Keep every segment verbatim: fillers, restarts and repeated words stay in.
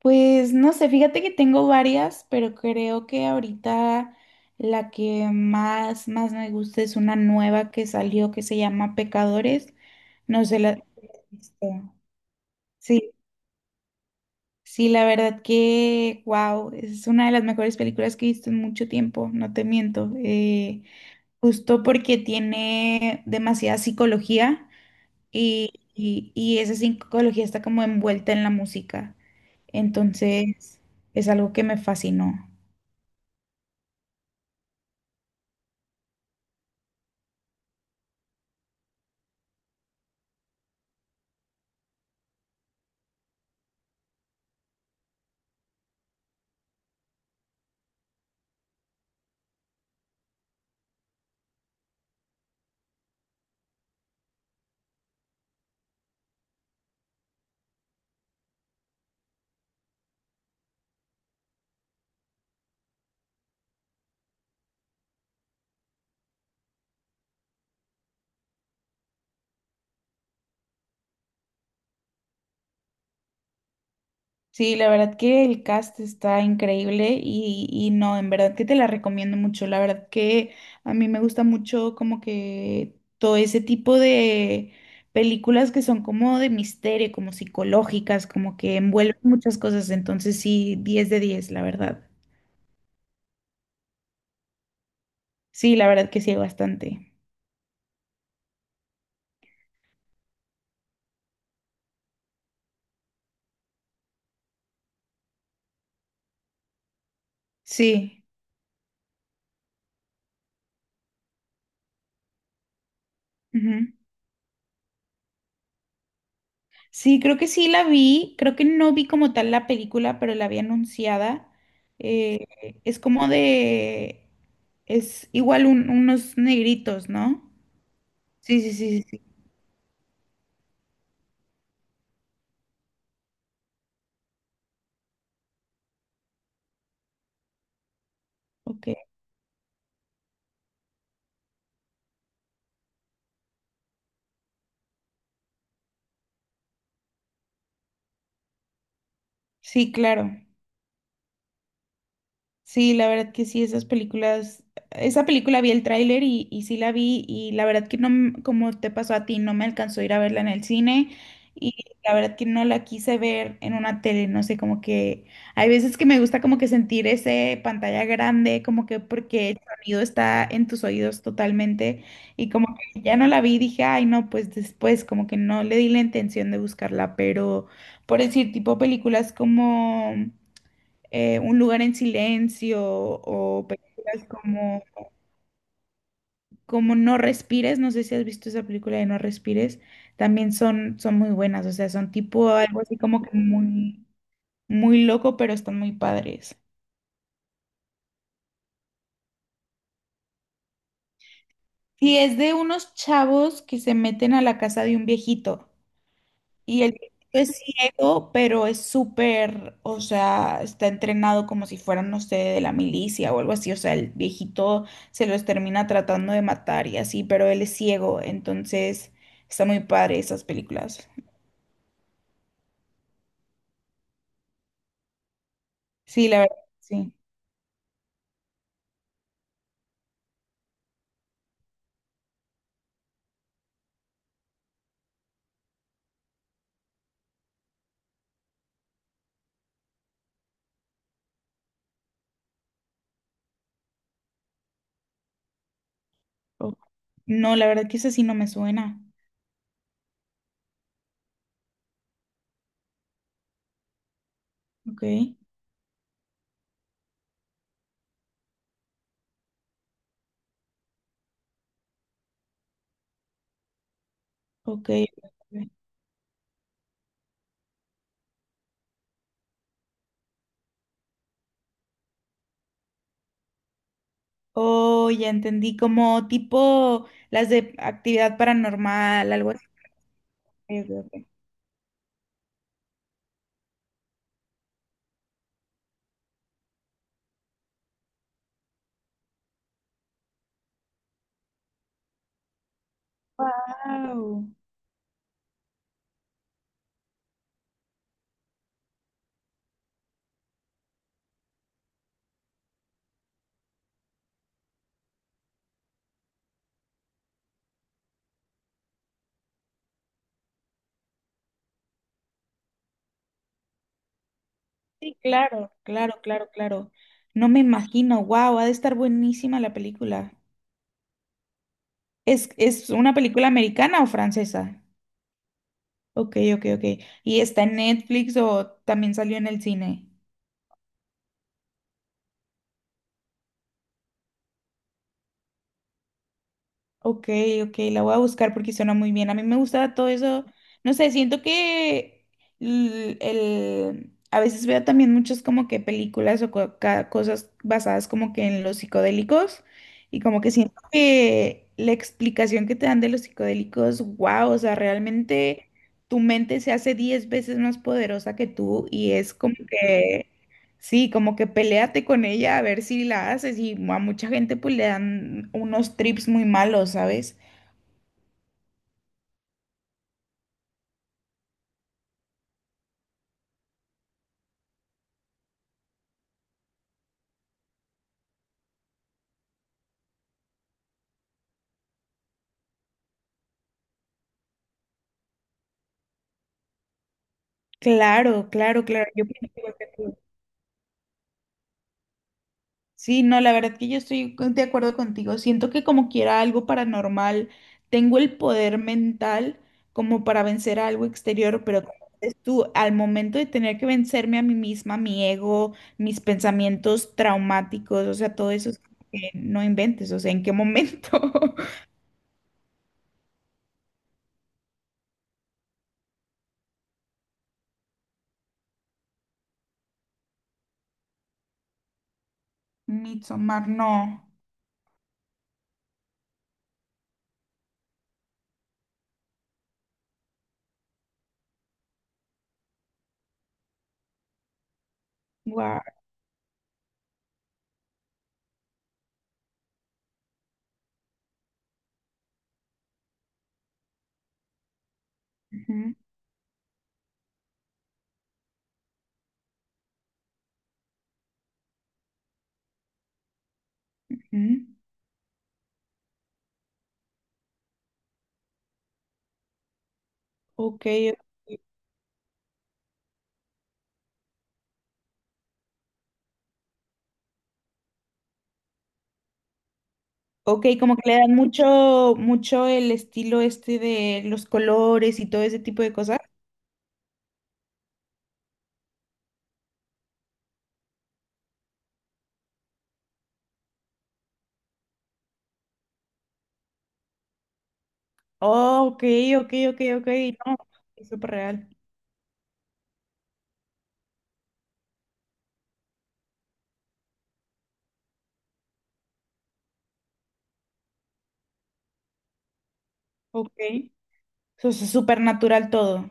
Pues no sé, fíjate que tengo varias, pero creo que ahorita la que más, más me gusta es una nueva que salió que se llama Pecadores. No sé la. Sí, sí, la verdad que, wow, es una de las mejores películas que he visto en mucho tiempo, no te miento. Eh, justo porque tiene demasiada psicología y, y, y esa psicología está como envuelta en la música. Entonces, es algo que me fascinó. Sí, la verdad que el cast está increíble y, y no, en verdad que te la recomiendo mucho. La verdad que a mí me gusta mucho como que todo ese tipo de películas que son como de misterio, como psicológicas, como que envuelven muchas cosas. Entonces sí, diez de diez la verdad. Sí, la verdad que sí, hay bastante. Sí. Ujú. Sí, creo que sí la vi, creo que no vi como tal la película, pero la vi anunciada. Eh, es como de, es igual un- unos negritos, ¿no? Sí, sí, sí, sí, sí. Ok, sí, claro. Sí, la verdad que sí, esas películas, esa película vi el tráiler y, y sí la vi y la verdad que no, m- como te pasó a ti, no me alcanzó a ir a verla en el cine y la verdad que no la quise ver en una tele, no sé, como que hay veces que me gusta como que sentir ese pantalla grande, como que porque el sonido está en tus oídos totalmente y como que ya no la vi, dije, ay no, pues después como que no le di la intención de buscarla, pero por decir tipo películas como eh, Un lugar en silencio o películas como, como No respires, no sé si has visto esa película de No respires, también son, son muy buenas, o sea, son tipo algo así como que muy, muy loco, pero están muy padres. Y es de unos chavos que se meten a la casa de un viejito. Y el viejito es ciego, pero es súper, o sea, está entrenado como si fuera, no sé, de la milicia o algo así. O sea, el viejito se los termina tratando de matar y así, pero él es ciego, entonces está muy padre esas películas. Sí, la verdad, sí. O- No, la verdad que esa sí no me suena. Ok, ok, ok. Oh, ya entendí, como tipo las de actividad paranormal, algo así. Wow. Sí, claro, claro, claro, claro. No me imagino, wow, ha de estar buenísima la película. ¿Es, es una película americana o francesa? Ok, ok, ok. ¿Y está en Netflix o también salió en el cine? Ok, ok, la voy a buscar porque suena muy bien. A mí me gusta todo eso. No sé, siento que l- el, a veces veo también muchas como que películas o co- ca- cosas basadas como que en los psicodélicos y como que siento que la explicación que te dan de los psicodélicos, wow, o sea, realmente tu mente se hace diez veces más poderosa que tú y es como que. Sí, como que peleate con ella a ver si la haces y a mucha gente pues le dan unos trips muy malos, ¿sabes? Claro, claro, claro. Yo pienso igual que tú. Sí, no, la verdad que yo estoy con- de acuerdo contigo. Siento que como quiera algo paranormal, tengo el poder mental como para vencer a algo exterior, pero como dices tú, al momento de tener que vencerme a mí misma, mi ego, mis pensamientos traumáticos, o sea, todo eso es como que no inventes, o sea, ¿en qué momento? Midsommar, no. Wow, ujú, ujú. Ok, ok. Ok, como que le dan mucho, mucho el estilo este de los colores y todo ese tipo de cosas. Oh, ok, ok, ok, ok, no, es súper real. Ok, eso es súper natural todo.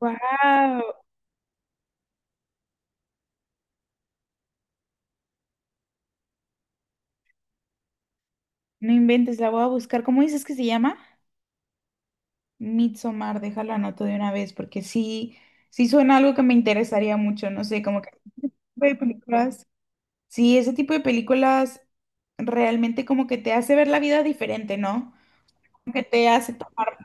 Wow, no inventes, la voy a buscar. ¿Cómo dices que se llama? Midsommar, déjalo anoto de una vez, porque sí, sí suena algo que me interesaría mucho, no sé, como que hay películas. Sí, ese tipo de películas realmente como que te hace ver la vida diferente, ¿no? Como que te hace tomar,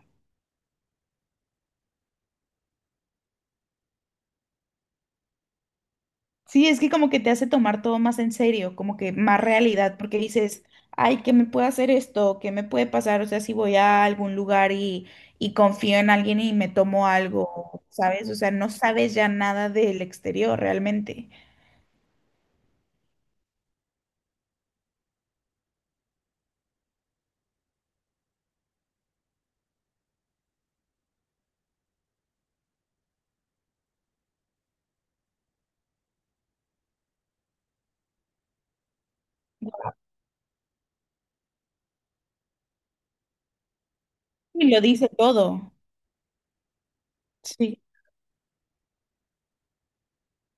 sí, es que como que te hace tomar todo más en serio, como que más realidad, porque dices, ay, ¿qué me puede hacer esto? ¿Qué me puede pasar? O sea, si voy a algún lugar y, y confío en alguien y me tomo algo, ¿sabes? O sea, no sabes ya nada del exterior realmente. Y lo dice todo. Sí.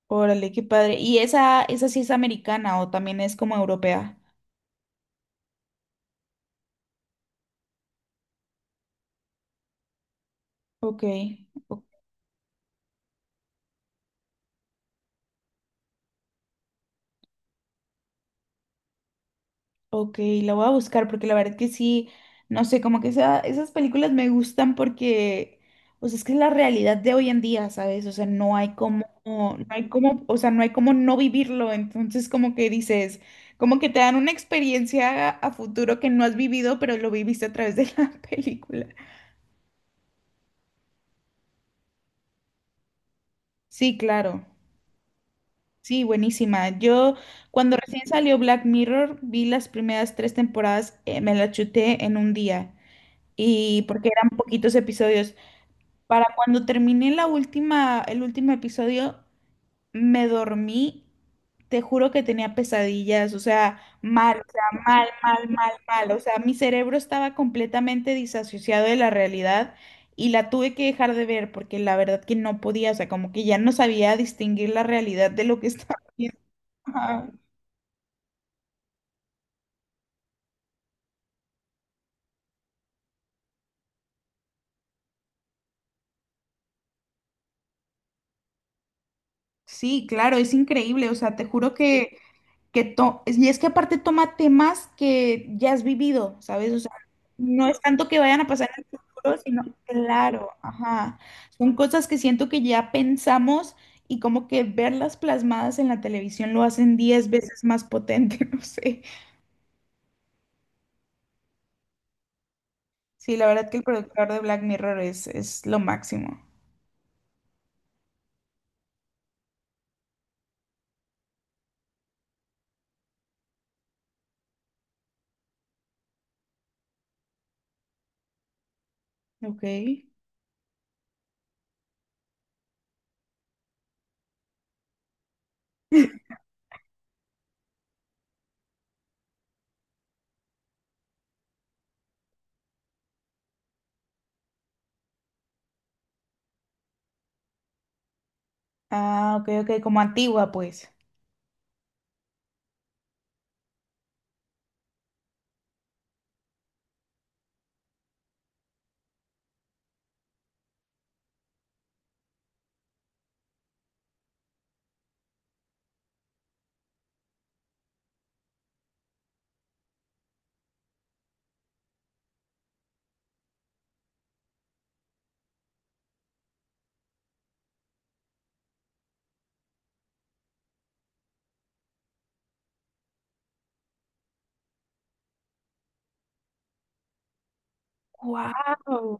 Órale, qué padre. ¿Y esa, esa sí es americana o también es como europea? Ok, ok, la voy a buscar porque la verdad que sí, no sé, como que esa- esas películas me gustan porque, o sea, es que es la realidad de hoy en día, ¿sabes? O sea, no hay como, no hay como, o sea, no hay como no vivirlo, entonces como que dices, como que te dan una experiencia a futuro que no has vivido, pero lo viviste a través de la película. Sí, claro. Sí, buenísima. Yo cuando recién salió Black Mirror, vi las primeras tres temporadas, eh, me las chuté en un día y porque eran poquitos episodios. Para cuando terminé la última, el último episodio, me dormí, te juro que tenía pesadillas, o sea, mal, o sea, mal, mal, mal, mal, o sea, mi cerebro estaba completamente disasociado de la realidad y la tuve que dejar de ver porque la verdad que no podía, o sea, como que ya no sabía distinguir la realidad de lo que estaba viendo. Ajá. Sí, claro, es increíble, o sea, te juro que que to- y es que aparte toma temas que ya has vivido, ¿sabes? O sea, no es tanto que vayan a pasar en el futuro, sino, claro, ajá, son cosas que siento que ya pensamos y como que verlas plasmadas en la televisión lo hacen diez veces más potente, no sé. Sí, la verdad que el productor de Black Mirror es, es lo máximo. Ok. Ah, ok, ok, como antigua, pues. Wow.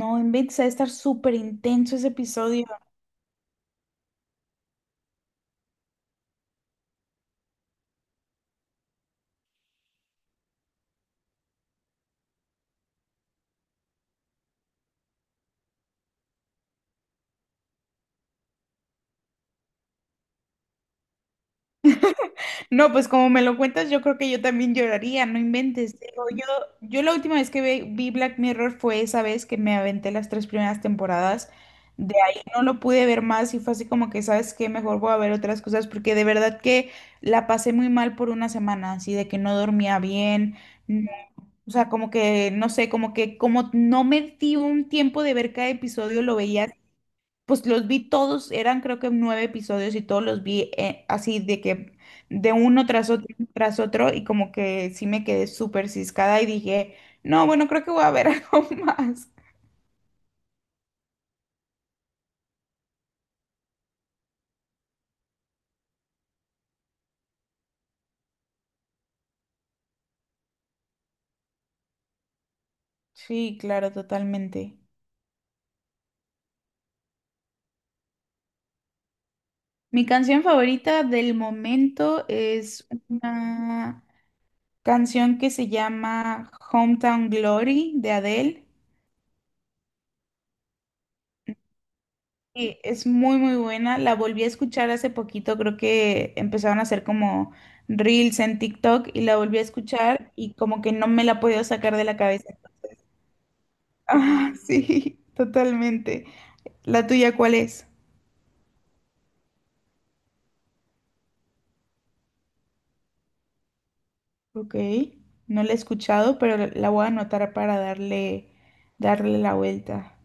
No, inventes, a estar súper intenso ese episodio. No, pues como me lo cuentas, yo creo que yo también lloraría, no inventes. Digo, yo, yo, la última vez que ve- vi Black Mirror fue esa vez que me aventé las tres primeras temporadas. De ahí no lo pude ver más y fue así como que, ¿sabes qué? Mejor voy a ver otras cosas porque de verdad que la pasé muy mal por una semana, así de que no dormía bien, no- o sea, como que, no sé, como que como no me di un tiempo de ver cada episodio, lo veía pues los vi todos, eran creo que nueve episodios y todos los vi eh, así de que de uno tras otro tras otro y como que sí me quedé súper ciscada y dije, no, bueno, creo que voy a ver algo más. Sí, claro, totalmente. Mi canción favorita del momento es una canción que se llama Hometown Glory de Adele. Sí, es muy muy buena. La volví a escuchar hace poquito, creo que empezaron a hacer como reels en TikTok y la volví a escuchar y como que no me la he podido sacar de la cabeza. Ah, sí, totalmente. ¿La tuya cuál es? Ok, no la he escuchado, pero la voy a anotar para darle, darle la vuelta.